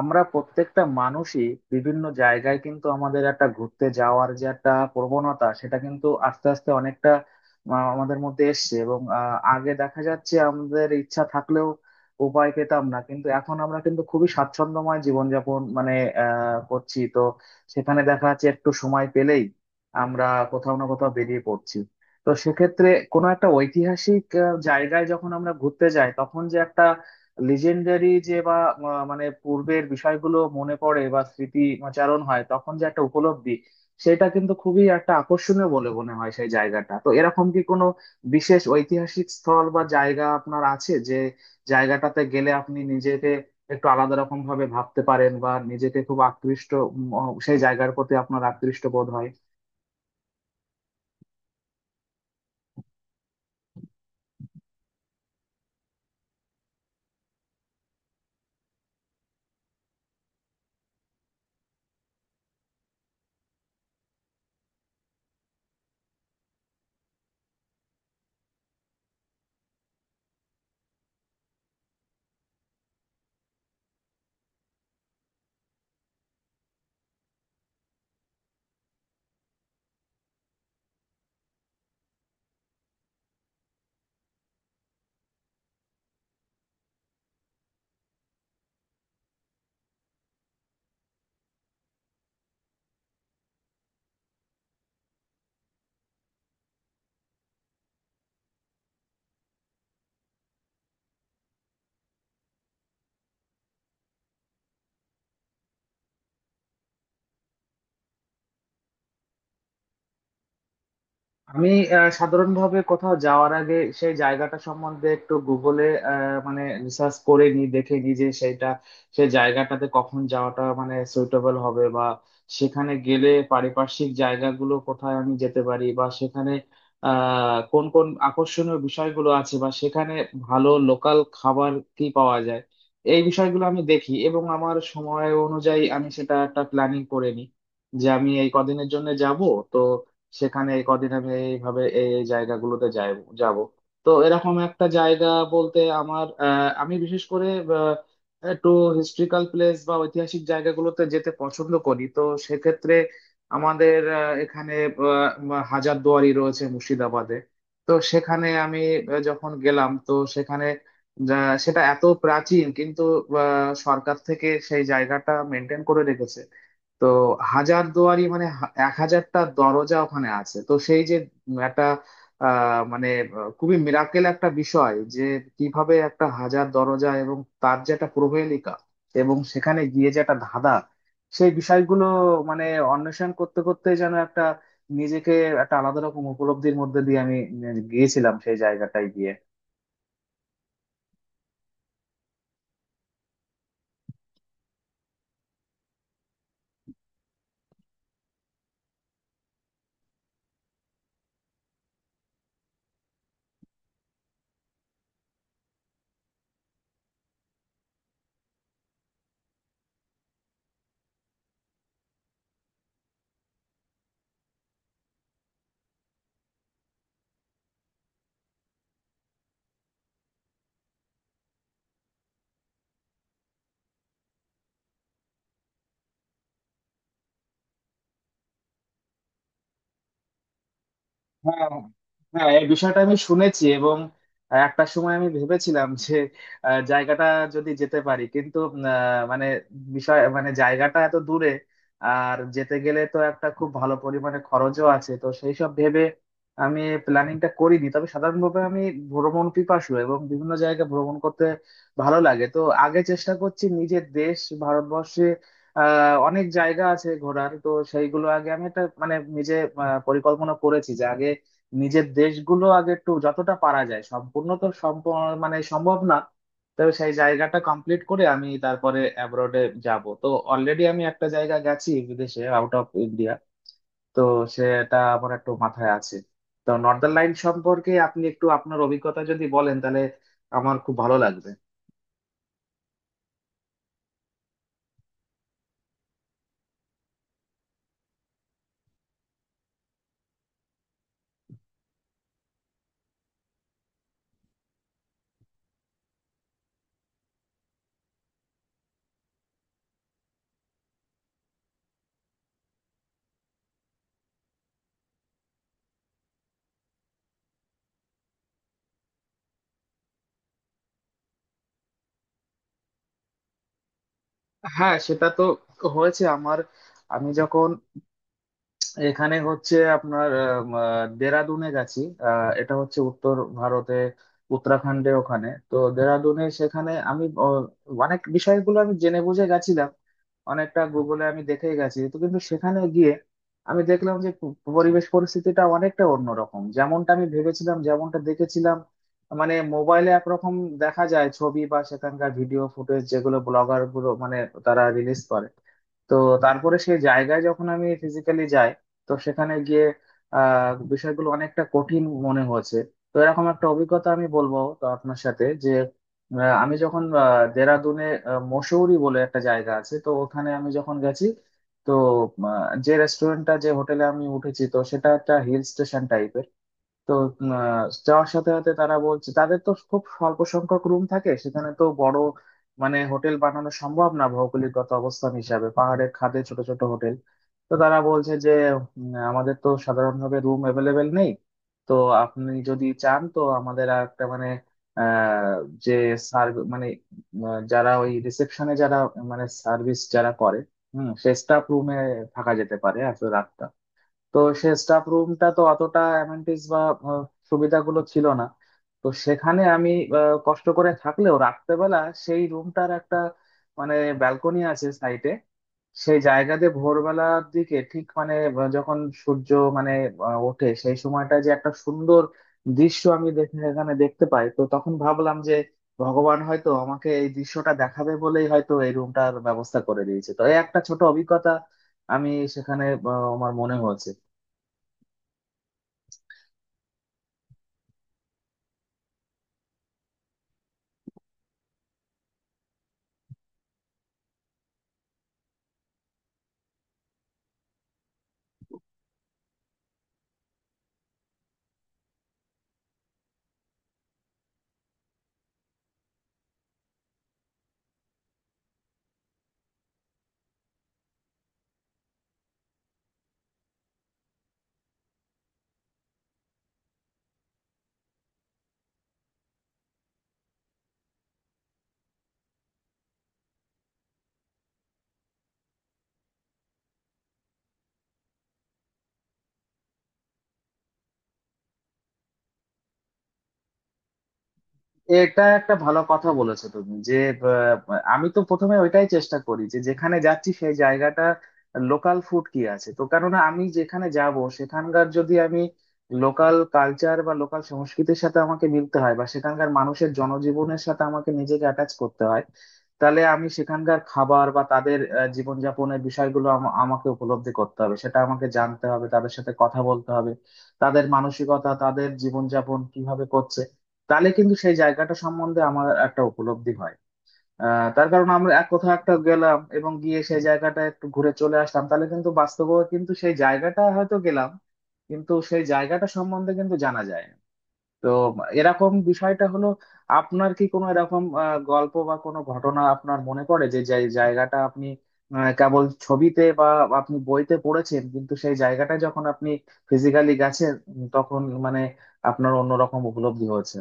আমরা প্রত্যেকটা মানুষই বিভিন্ন জায়গায় কিন্তু আমাদের একটা ঘুরতে যাওয়ার যে একটা প্রবণতা সেটা কিন্তু আস্তে আস্তে অনেকটা আমাদের মধ্যে এসছে এবং আগে দেখা যাচ্ছে আমাদের ইচ্ছা থাকলেও উপায় পেতাম না, কিন্তু এখন আমরা কিন্তু খুবই স্বাচ্ছন্দ্যময় জীবনযাপন মানে করছি। তো সেখানে দেখা যাচ্ছে একটু সময় পেলেই আমরা কোথাও না কোথাও বেরিয়ে পড়ছি। তো সেক্ষেত্রে কোনো একটা ঐতিহাসিক জায়গায় যখন আমরা ঘুরতে যাই, তখন যে একটা লিজেন্ডারি যে বা মানে পূর্বের বিষয়গুলো মনে পড়ে বা স্মৃতিচারণ হয়, তখন যে একটা উপলব্ধি সেটা কিন্তু খুবই একটা আকর্ষণীয় বলে মনে হয় সেই জায়গাটা। তো এরকম কি কোনো বিশেষ ঐতিহাসিক স্থল বা জায়গা আপনার আছে যে জায়গাটাতে গেলে আপনি নিজেকে একটু আলাদা রকম ভাবে ভাবতে পারেন বা নিজেকে খুব আকৃষ্ট, উম, সেই জায়গার প্রতি আপনার আকৃষ্ট বোধ হয়? আমি সাধারণভাবে কোথাও যাওয়ার আগে সেই জায়গাটা সম্বন্ধে একটু গুগলে মানে রিসার্চ করে নি, দেখে নি যে সেটা সেই জায়গাটাতে কখন যাওয়াটা মানে সুইটেবল হবে, বা সেখানে গেলে পারিপার্শ্বিক জায়গাগুলো কোথায় আমি যেতে পারি, বা সেখানে কোন কোন আকর্ষণীয় বিষয়গুলো আছে, বা সেখানে ভালো লোকাল খাবার কি পাওয়া যায়। এই বিষয়গুলো আমি দেখি এবং আমার সময় অনুযায়ী আমি সেটা একটা প্ল্যানিং করে নিই যে আমি এই কদিনের জন্য যাব। তো সেখানে এই কদিন আমি এইভাবে এই এই জায়গাগুলোতে যাই, যাব। তো এরকম একটা জায়গা বলতে আমার আমি বিশেষ করে আহ, একটু হিস্ট্রিক্যাল প্লেস বা ঐতিহাসিক জায়গাগুলোতে যেতে পছন্দ করি। তো সেক্ষেত্রে আমাদের এখানে আহ, হাজারদুয়ারি রয়েছে মুর্শিদাবাদে। তো সেখানে আমি যখন গেলাম তো সেখানে যা- সেটা এত প্রাচীন, কিন্তু সরকার থেকে সেই জায়গাটা মেনটেন করে রেখেছে। তো হাজার দুয়ারি মানে এক হাজারটা দরজা ওখানে আছে। তো সেই যে একটা মানে খুবই মিরাকেল একটা বিষয় যে কিভাবে একটা হাজার দরজা এবং তার যে একটা প্রহেলিকা এবং সেখানে গিয়ে যে একটা ধাঁধা, সেই বিষয়গুলো মানে অন্বেষণ করতে করতে যেন একটা নিজেকে একটা আলাদা রকম উপলব্ধির মধ্যে দিয়ে আমি গিয়েছিলাম সেই জায়গাটায় গিয়ে। হ্যাঁ, হ্যাঁ, এই বিষয়টা আমি শুনেছি এবং একটা সময় আমি ভেবেছিলাম যে জায়গাটা যদি যেতে পারি, কিন্তু মানে বিষয় মানে জায়গাটা এত দূরে, আর যেতে গেলে তো একটা খুব ভালো পরিমাণে খরচও আছে। তো সেই সব ভেবে আমি প্ল্যানিংটা করিনি। তবে সাধারণভাবে আমি ভ্রমণ পিপাসু এবং বিভিন্ন জায়গায় ভ্রমণ করতে ভালো লাগে। তো আগে চেষ্টা করছি নিজের দেশ ভারতবর্ষে অনেক জায়গা আছে ঘোরার, তো সেইগুলো আগে আমি একটা মানে নিজে পরিকল্পনা করেছি যে আগে নিজের দেশগুলো আগে একটু যতটা পারা যায় সম্পূর্ণ, তো মানে সম্ভব না, তবে সেই জায়গাটা কমপ্লিট করে আমি তারপরে অ্যাব্রোডে যাব। তো অলরেডি আমি একটা জায়গা গেছি বিদেশে, আউট অফ ইন্ডিয়া। তো সেটা আমার একটু মাথায় আছে। তো নর্দার্ন লাইন সম্পর্কে আপনি একটু আপনার অভিজ্ঞতা যদি বলেন, তাহলে আমার খুব ভালো লাগবে। হ্যাঁ, সেটা তো হয়েছে আমার। আমি যখন এখানে হচ্ছে আপনার আম, আহ, দেরাদুনে গেছি। এটা হচ্ছে উত্তর ভারতে উত্তরাখণ্ডে। ওখানে তো দেরাদুনে সেখানে আমি অনেক বিষয়গুলো আমি জেনে বুঝে গেছিলাম, অনেকটা গুগলে আমি দেখে গেছি। তো কিন্তু সেখানে গিয়ে আমি দেখলাম যে পরিবেশ পরিস্থিতিটা অনেকটা অন্যরকম যেমনটা আমি ভেবেছিলাম, যেমনটা দেখেছিলাম মানে মোবাইলে একরকম দেখা যায় ছবি বা সেখানকার ভিডিও ফুটেজ যেগুলো ব্লগার গুলো মানে তারা রিলিজ করে। তো তারপরে সেই জায়গায় যখন আমি ফিজিক্যালি যাই, তো সেখানে গিয়ে বিষয়গুলো অনেকটা কঠিন মনে হয়েছে। তো এরকম একটা অভিজ্ঞতা আমি বলবো তো আপনার সাথে যে আমি যখন দেরাদুনে মসৌরি বলে একটা জায়গা আছে তো ওখানে আমি যখন গেছি, তো আহ, যে রেস্টুরেন্টটা যে হোটেলে আমি উঠেছি, তো সেটা একটা হিল স্টেশন টাইপের। তো যাওয়ার সাথে সাথে তারা বলছে তাদের তো খুব স্বল্প সংখ্যক রুম থাকে সেখানে, তো বড় মানে হোটেল বানানো সম্ভব না ভৌগোলিকগত অবস্থান হিসাবে, পাহাড়ের খাদে ছোট ছোট হোটেল। তো তারা বলছে যে আমাদের তো সাধারণভাবে রুম অ্যাভেলেবেল নেই, তো আপনি যদি চান তো আমাদের আর একটা মানে আহ যে সার্ভিস মানে যারা ওই রিসেপশনে যারা মানে সার্ভিস যারা করে, হুম, সে স্টাফ রুমে থাকা যেতে পারে আসলে রাত। তো সে স্টাফ রুমটা তো অতটা অ্যামেনিটিস বা আহ, সুবিধাগুলো ছিল না। তো সেখানে আমি কষ্ট করে থাকলেও রাত্রেবেলা সেই রুমটার একটা মানে ব্যালকনি আছে সাইডে, সেই জায়গা দিয়ে ভোরবেলার দিকে ঠিক মানে যখন সূর্য মানে ওঠে সেই সময়টা যে একটা সুন্দর দৃশ্য আমি দেখে এখানে দেখতে পাই। তো তখন ভাবলাম যে ভগবান হয়তো আমাকে এই দৃশ্যটা দেখাবে বলেই হয়তো এই রুমটার ব্যবস্থা করে দিয়েছে। তো এই একটা ছোট অভিজ্ঞতা আমি সেখানে আমার মনে হয়েছে। এটা একটা ভালো কথা বলেছো তুমি যে আমি তো প্রথমে ওইটাই চেষ্টা করি যে যেখানে যাচ্ছি সেই জায়গাটা লোকাল ফুড কি আছে। তো কেননা আমি যেখানে যাব সেখানকার যদি আমি লোকাল কালচার বা লোকাল সংস্কৃতির সাথে আমাকে মিলতে হয় বা সেখানকার মানুষের জনজীবনের সাথে আমাকে নিজেকে অ্যাটাচ করতে হয়, তাহলে আমি সেখানকার খাবার বা তাদের জীবনযাপনের বিষয়গুলো আমাকে উপলব্ধি করতে হবে, সেটা আমাকে জানতে হবে, তাদের সাথে কথা বলতে হবে, তাদের মানসিকতা তাদের জীবনযাপন কিভাবে করছে। তাহলে কিন্তু সেই জায়গাটা সম্বন্ধে আমার একটা উপলব্ধি হয়। তার কারণ আমরা এক কোথাও একটা গেলাম এবং গিয়ে সেই জায়গাটা একটু ঘুরে চলে আসলাম, তাহলে কিন্তু বাস্তবে কিন্তু সেই জায়গাটা হয়তো গেলাম, কিন্তু সেই জায়গাটা সম্বন্ধে কিন্তু জানা যায় না। তো এরকম বিষয়টা হলো। আপনার কি কোনো এরকম গল্প বা কোনো ঘটনা আপনার মনে পড়ে যে যে জায়গাটা আপনি কেবল ছবিতে বা আপনি বইতে পড়েছেন, কিন্তু সেই জায়গাটা যখন আপনি ফিজিক্যালি গেছেন তখন মানে আপনার অন্যরকম উপলব্ধি হয়েছে?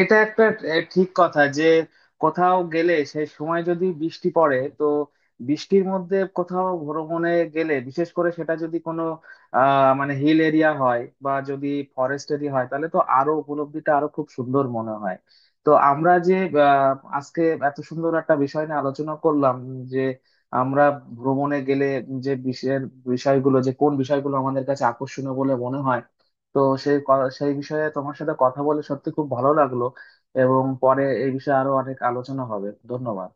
এটা একটা এ, ঠিক কথা যে কোথাও গেলে সেই সময় যদি বৃষ্টি পড়ে, তো বৃষ্টির মধ্যে কোথাও ভ্রমণে গেলে, বিশেষ করে সেটা যদি কোনো মানে হিল এরিয়া হয় বা যদি ফরেস্ট এরিয়া হয়, তাহলে তো আরো উপলব্ধিটা আরো খুব সুন্দর মনে হয়। তো আমরা যে আজকে এত সুন্দর একটা বিষয় নিয়ে আলোচনা করলাম যে আমরা ভ্রমণে গেলে যে বিষয়ের বিষয়গুলো যে কোন বিষয়গুলো আমাদের কাছে আকর্ষণীয় বলে মনে হয়, তো সেই বিষয়ে তোমার সাথে কথা বলে সত্যি খুব ভালো লাগলো এবং পরে এই বিষয়ে আরো অনেক আলোচনা হবে। ধন্যবাদ।